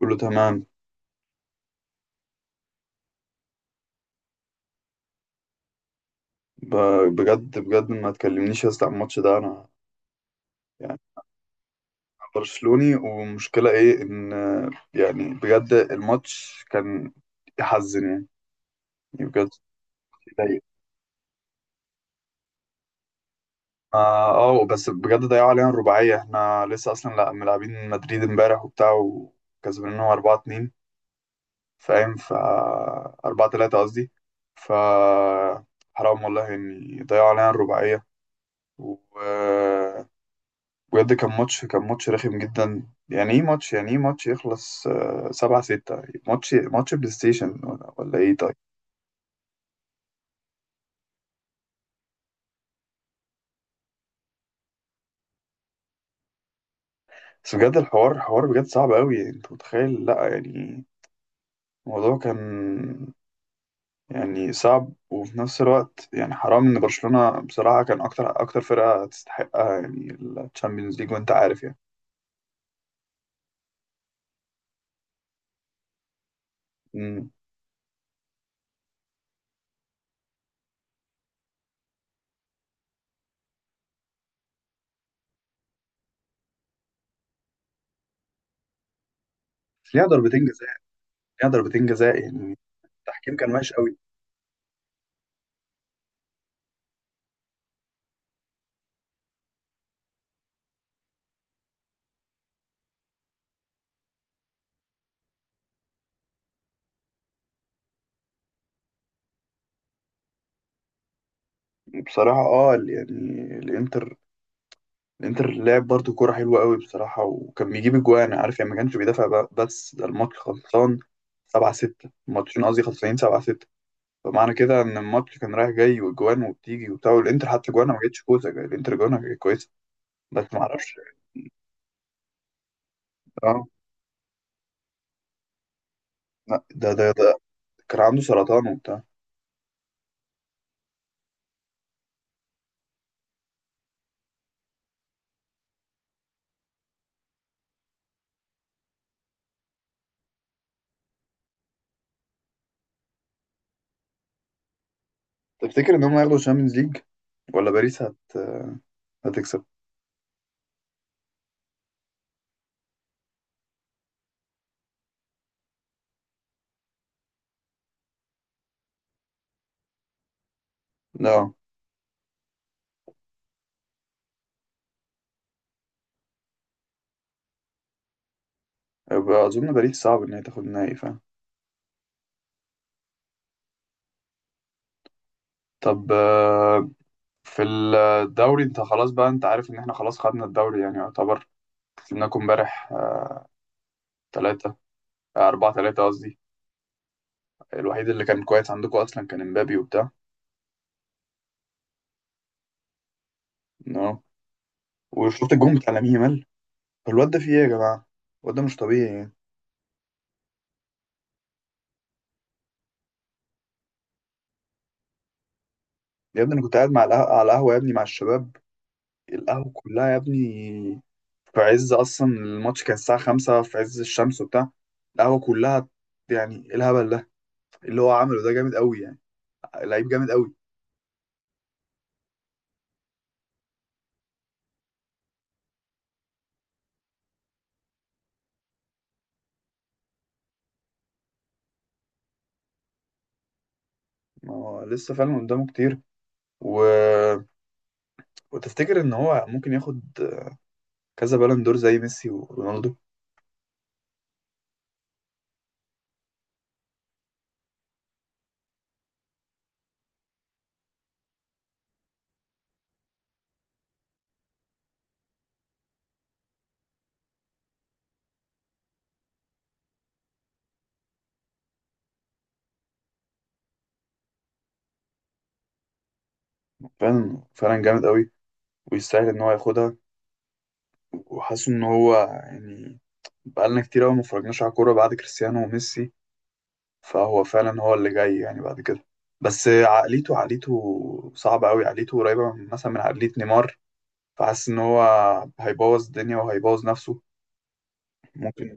كله تمام. ب- بجد بجد ما تكلمنيش يا اسطى عن الماتش ده انا، يعني أنا برشلوني، ومشكلة ايه ان، يعني بجد الماتش كان يحزن يعني. يعني بجد يضايق. اه آه، بس بجد ضيعوا علينا الرباعية. احنا لسه اصلا لا ملاعبين مدريد امبارح وبتاع وكسبناهم 4-2، فاهم. 4-3 قصدي. ف حرام والله ان ضيعوا علينا الرباعية. و بجد كان ماتش، رخم جدا. يعني ايه ماتش يخلص آه، 7-6. ماتش بلاي ستيشن ولا ايه؟ طيب، بس بجد الحوار حوار بجد صعب قوي، انت متخيل؟ لا يعني الموضوع كان يعني صعب، وفي نفس الوقت يعني حرام ان برشلونة بصراحة كان اكتر اكتر فرقة تستحقها، يعني الشامبيونز ليج، وانت عارف يعني. مم. بس ليها ضربتين جزاء، ليها ضربتين جزاء يعني. التحكيم كان وحش قوي. بصراحة يعني الانتر، لعب برضو كوره حلوه قوي بصراحه، وكان بيجيب اجوان، عارف يعني، ما كانش بيدافع، بس ده الماتش خلصان 7-6، الماتشين قصدي خلصانين 7-6. فمعنى كده ان الماتش كان رايح جاي، واجوان وبتيجي وبتاع، والانتر حتى جوانها ما جتش كويسه، الانتر جوانها كانت كويسه، بس ما اعرفش. اه، لا، ده كان عنده سرطان وبتاع. تفتكر ان هم هياخدوا الشامبيونز ليج، ولا باريس هتكسب؟ لا، يبقى اظن باريس صعب ان هي تاخد النهائي، فاهم؟ طب، في الدوري انت خلاص بقى، انت عارف ان احنا خلاص خدنا الدوري، يعني يعتبر. كسبناكم امبارح ثلاثة، 4-3 قصدي. الوحيد اللي كان كويس عندكم أصلا كان امبابي وبتاع. نو، وشفت الجون بتاع لامين يامال؟ الواد ده فيه إيه يا جماعة؟ الواد ده مش طبيعي يعني. يا ابني أنا كنت قاعد مع على القهوة يا ابني، مع الشباب، القهوة كلها يا ابني. في عز أصلا الماتش كان الساعة خمسة، في عز الشمس وبتاع، القهوة كلها. يعني إيه الهبل ده؟ اللي هو عمله ده جامد قوي يعني. لعيب جامد قوي. ما هو لسه فعلا قدامه كتير. و... وتفتكر ان هو ممكن ياخد كذا بالون دور زي ميسي ورونالدو؟ فعلا فعلا جامد قوي، ويستاهل ان هو ياخدها. وحاسس ان هو يعني بقالنا كتير قوي ما اتفرجناش على كوره بعد كريستيانو وميسي، فهو فعلا هو اللي جاي يعني بعد كده. بس عقليته صعبه قوي، عقليته قريبه مثلا من عقليه نيمار، فحاسس ان هو هيبوظ الدنيا وهيبوظ نفسه. ممكن.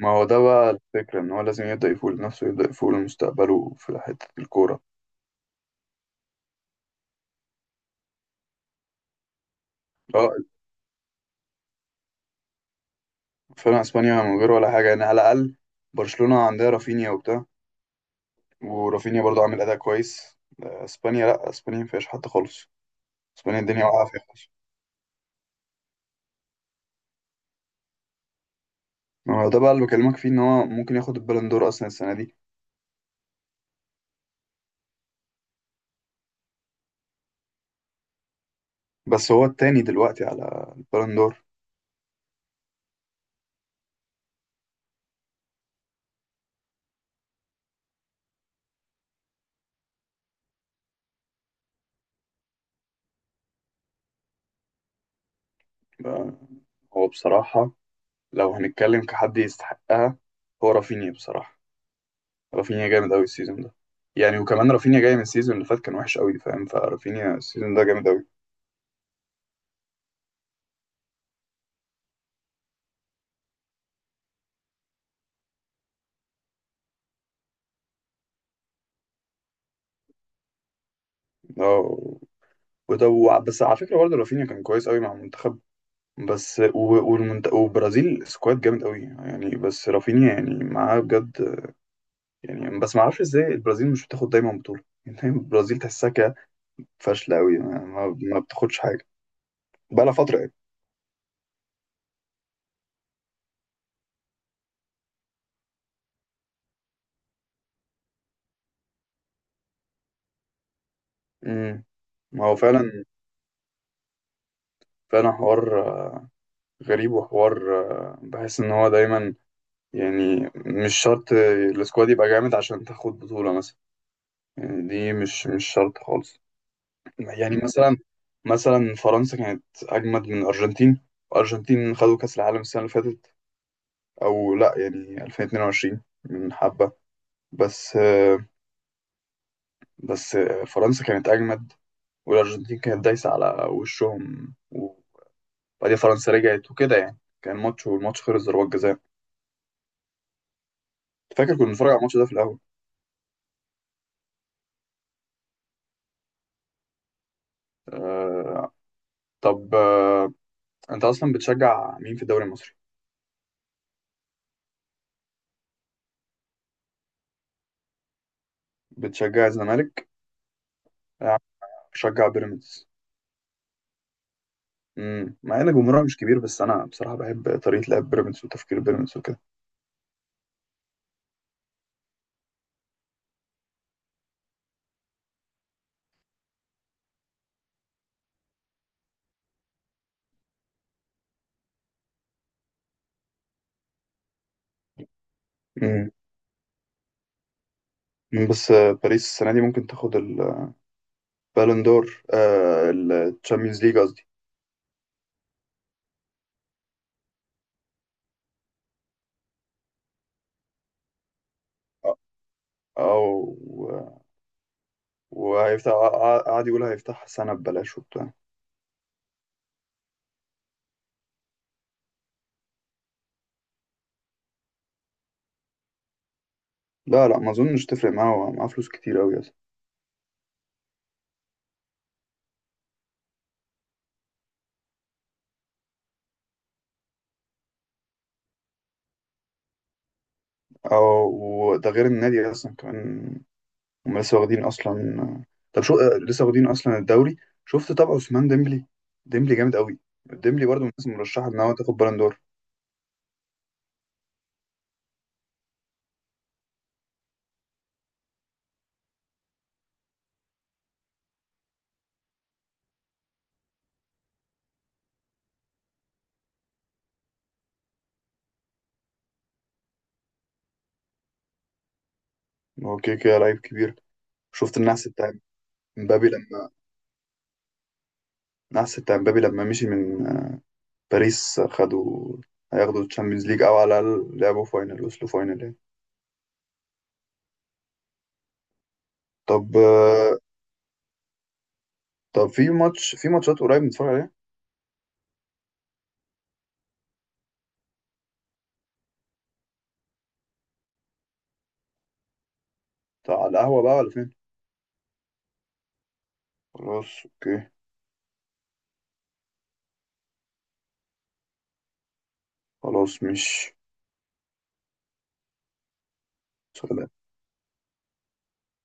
ما هو ده بقى الفكرة، إن هو لازم يبدأ يفوق لنفسه، يبدأ يفوق لمستقبله في حتة الكورة. اه، فعلا اسبانيا من غير ولا حاجه يعني، على الاقل برشلونه عندها رافينيا وبتاع، ورافينيا برضو عامل اداء كويس. آه، اسبانيا، لا، اسبانيا ما فيهاش حد خالص، اسبانيا الدنيا واقعه فيها خالص. هو ده بقى اللي بكلمك فيه، ان هو ممكن ياخد البالون دور اصلا السنه دي، بس هو التاني دلوقتي على البالون دور. بقى، هو بصراحه لو هنتكلم كحد يستحقها، هو رافينيا بصراحه. رافينيا جامد قوي السيزون ده يعني، وكمان رافينيا جاي من السيزون اللي فات كان وحش قوي، فاهم؟ فرافينيا السيزون ده جامد قوي. اه، بس على فكره برضه رافينيا كان كويس قوي مع المنتخب، بس وبرازيل سكواد جامد قوي يعني، بس رافينيا يعني معاه بجد يعني. بس ما اعرفش ازاي البرازيل مش بتاخد دايما بطوله يعني، دايما البرازيل تحسها كده فاشله قوي، ما بتاخدش حاجه بقى لها فتره يعني. امم ما هو فعلا، فعلا حوار غريب، وحوار بحس ان هو دايما، يعني مش شرط السكواد يبقى جامد عشان تاخد بطوله مثلا، يعني دي مش شرط خالص. يعني مثلا فرنسا كانت اجمد من الارجنتين، الارجنتين خدوا كاس العالم السنه اللي فاتت، او لا يعني 2022 من حبه، بس بس فرنسا كانت اجمد، والارجنتين كانت دايسه على وشهم، وبعدين فرنسا رجعت وكده يعني، كان ماتش، والماتش خلص ضربات جزاء. فاكر كنا بنتفرج على الماتش ده في الاول؟ أه. طب، انت اصلا بتشجع مين في الدوري المصري؟ بتشجع الزمالك. أنا بشجع بيراميدز. مع ان جمهورها مش كبير، بس انا بصراحه بحب طريقه لعب بيراميدز وتفكير بيراميدز وكده. امم بس باريس السنه دي ممكن تاخد البالون دور. آه، الشامبيونز ليج قصدي. او وهيفتح قاعد يقول هيفتح سنه ببلاش وبتاع. لا لا، ما اظنش تفرق معاه، هو معاه فلوس كتير قوي اصلا. او ده غير النادي اصلا كمان، هم لسه واخدين اصلا. طب، شو آه، لسه واخدين اصلا الدوري. شفت طبعا عثمان ديمبلي؟ ديمبلي جامد قوي، ديمبلي برضه من الناس المرشحه ان هو تاخد بالون دور. هو كده كده لعيب كبير. شفت النحس بتاع مبابي لما، مشي من باريس، هياخدوا الشامبيونز ليج، او على الاقل لعبوا فاينل، وصلوا فاينل يعني. طب، في ماتشات قريب نتفرج عليها؟ طب على القهوة بقى، ولا فين؟ خلاص اوكي. خلاص مش